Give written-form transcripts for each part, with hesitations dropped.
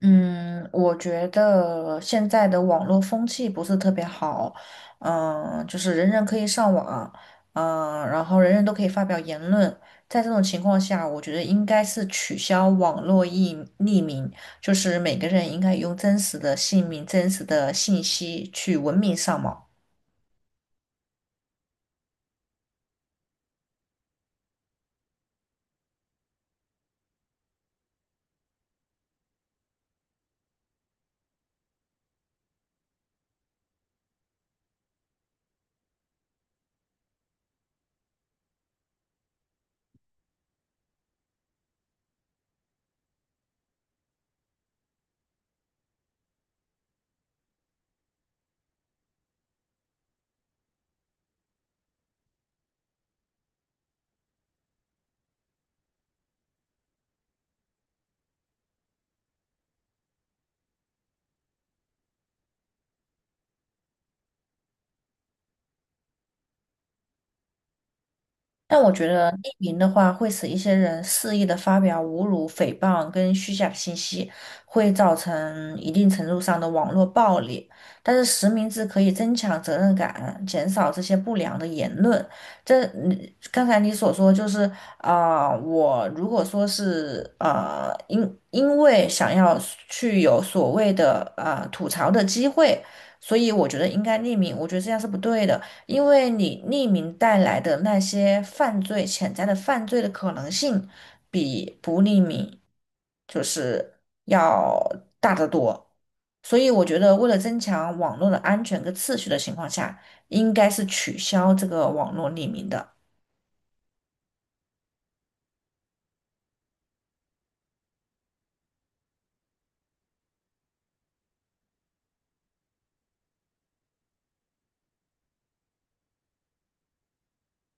嗯，我觉得现在的网络风气不是特别好，就是人人可以上网，然后人人都可以发表言论，在这种情况下，我觉得应该是取消网络匿名，就是每个人应该用真实的姓名、真实的信息去文明上网。但我觉得匿名的话，会使一些人肆意的发表侮辱、诽谤跟虚假信息，会造成一定程度上的网络暴力。但是实名制可以增强责任感，减少这些不良的言论。这嗯刚才你所说就是，我如果说是因为想要去有所谓的吐槽的机会，所以我觉得应该匿名，我觉得这样是不对的。因为你匿名带来的那些犯罪潜在的犯罪的可能性，比不匿名就是要大得多。所以我觉得，为了增强网络的安全跟次序的情况下，应该是取消这个网络匿名的。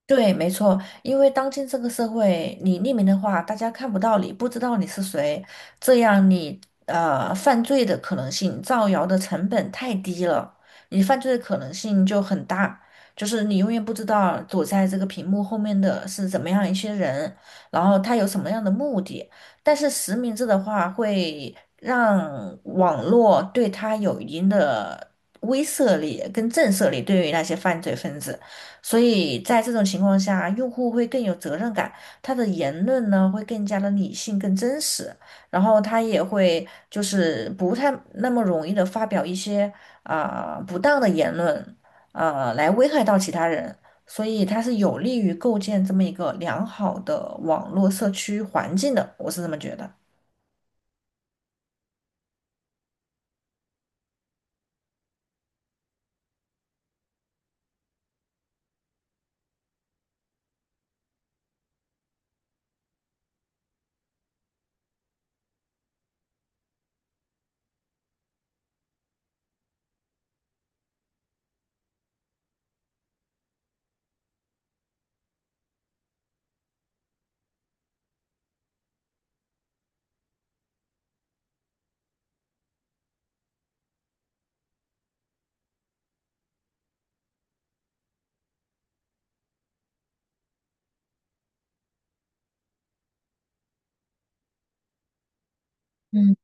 对，没错，因为当今这个社会，你匿名的话，大家看不到你，不知道你是谁，这样你犯罪的可能性、造谣的成本太低了，你犯罪的可能性就很大。就是你永远不知道躲在这个屏幕后面的是怎么样一些人，然后他有什么样的目的。但是实名制的话，会让网络对他有一定的威慑力跟震慑力，对于那些犯罪分子。所以在这种情况下，用户会更有责任感，他的言论呢会更加的理性、更真实，然后他也会就是不太那么容易的发表一些不当的言论，来危害到其他人，所以它是有利于构建这么一个良好的网络社区环境的，我是这么觉得。嗯，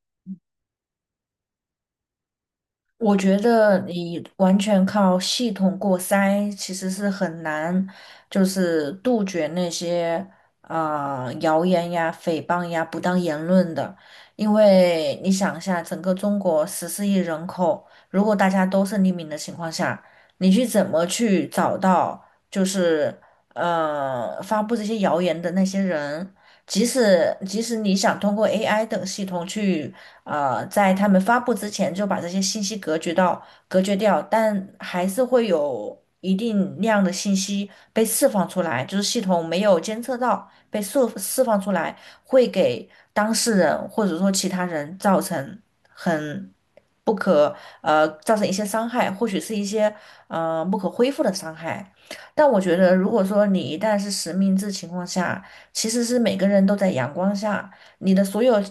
我觉得你完全靠系统过筛，其实是很难，就是杜绝那些谣言呀、诽谤呀、不当言论的。因为你想一下，整个中国14亿人口，如果大家都是匿名的情况下，你去怎么去找到就是发布这些谣言的那些人？即使你想通过 AI 等系统去。在他们发布之前就把这些信息隔绝掉，但还是会有一定量的信息被释放出来，就是系统没有监测到被释放出来，会给当事人或者说其他人造成很不可呃造成一些伤害，或许是一些不可恢复的伤害。但我觉得，如果说你一旦是实名制情况下，其实是每个人都在阳光下。你的所有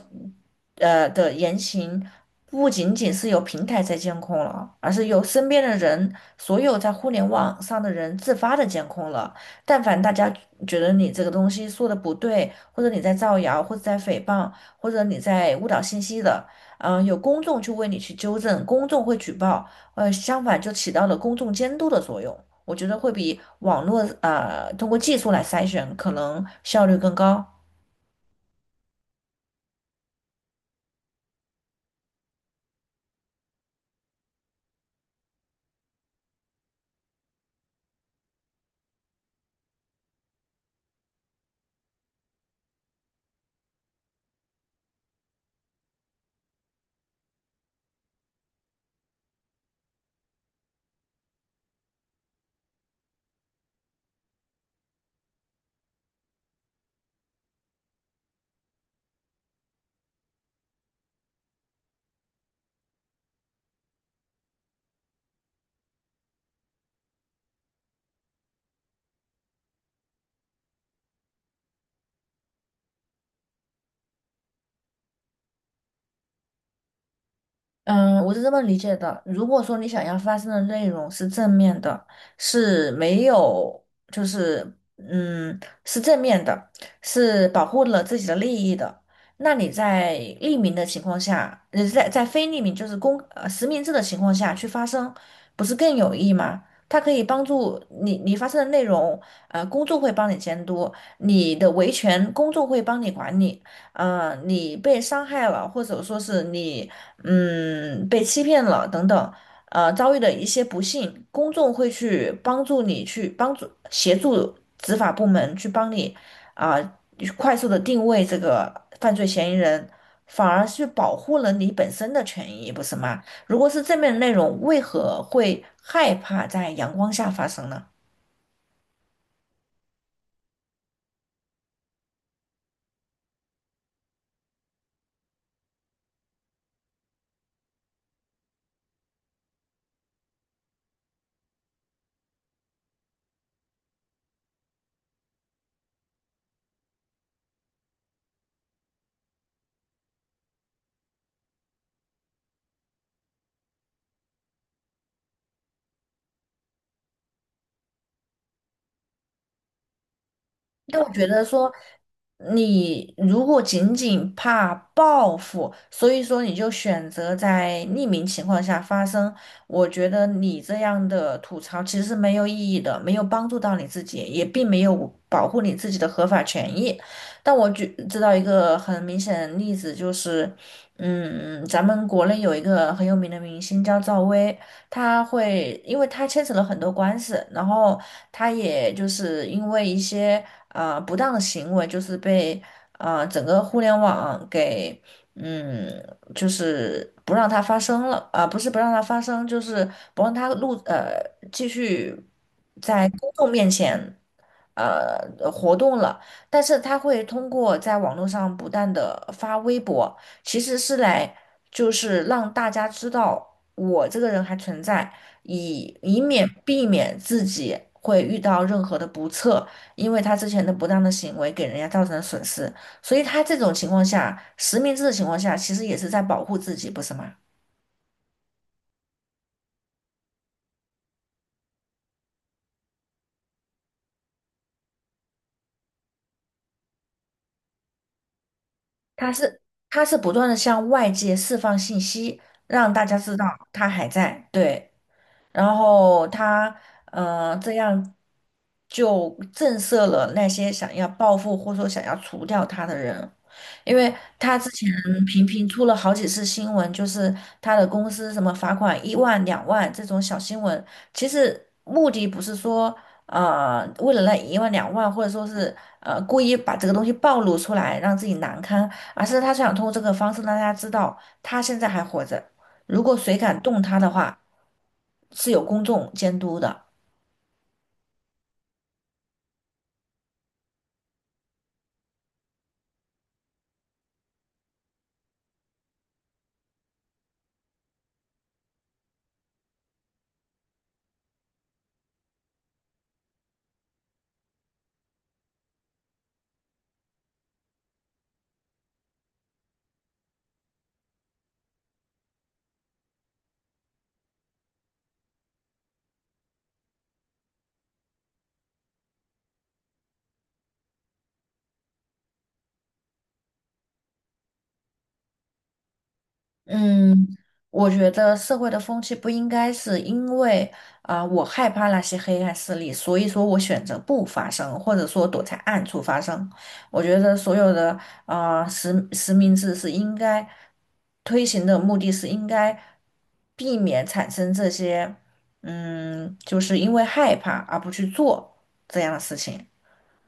的言行，不仅仅是由平台在监控了，而是由身边的人，所有在互联网上的人自发的监控了。但凡大家觉得你这个东西说的不对，或者你在造谣，或者在诽谤，或者你在误导信息的，有公众去为你去纠正，公众会举报，相反就起到了公众监督的作用。我觉得会比网络通过技术来筛选可能效率更高。嗯，我是这么理解的。如果说你想要发生的内容是正面的，是没有，就是嗯，是正面的，是保护了自己的利益的，那你在匿名的情况下，在非匿名就是实名制的情况下去发声，不是更有益吗？它可以帮助你，你发生的内容，公众会帮你监督，你的维权公众会帮你管理。你被伤害了，或者说是你。被欺骗了等等，遭遇的一些不幸，公众会去帮助你，去帮助协助执法部门去帮你啊，去快速的定位这个犯罪嫌疑人，反而是保护了你本身的权益，不是吗？如果是正面的内容，为何会害怕在阳光下发生呢？但我觉得说，你如果仅仅怕报复，所以说你就选择在匿名情况下发声，我觉得你这样的吐槽其实是没有意义的，没有帮助到你自己，也并没有保护你自己的合法权益。但我举知道一个很明显的例子，就是，咱们国内有一个很有名的明星叫赵薇。因为他牵扯了很多官司，然后他也就是因为一些不当的行为，就是被整个互联网给嗯，就是不让它发生了啊，不是不让它发生，就是不让它继续在公众面前活动了。但是他会通过在网络上不断的发微博，其实是来就是让大家知道我这个人还存在，以以免避免自己会遇到任何的不测。因为他之前的不当的行为给人家造成了损失，所以他这种情况下，实名制的情况下，其实也是在保护自己，不是吗？他是他是不断的向外界释放信息，让大家知道他还在，对，然后他这样就震慑了那些想要报复或者说想要除掉他的人。因为他之前频频出了好几次新闻，就是他的公司什么罚款一万、两万这种小新闻，其实目的不是说为了那一万两万，或者说是故意把这个东西暴露出来让自己难堪，而是他想通过这个方式让大家知道他现在还活着，如果谁敢动他的话，是有公众监督的。嗯，我觉得社会的风气不应该是因为我害怕那些黑暗势力，所以说我选择不发声，或者说躲在暗处发声。我觉得所有的实名制是应该推行的目的是应该避免产生这些，就是因为害怕而不去做这样的事情。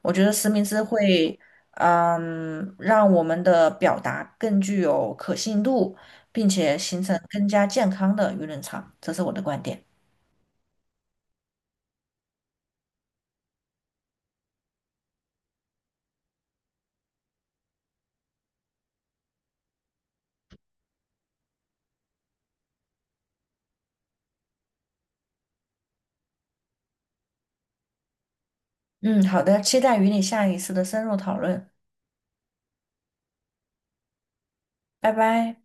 我觉得实名制会，让我们的表达更具有可信度，并且形成更加健康的舆论场，这是我的观点。嗯，好的，期待与你下一次的深入讨论，拜拜。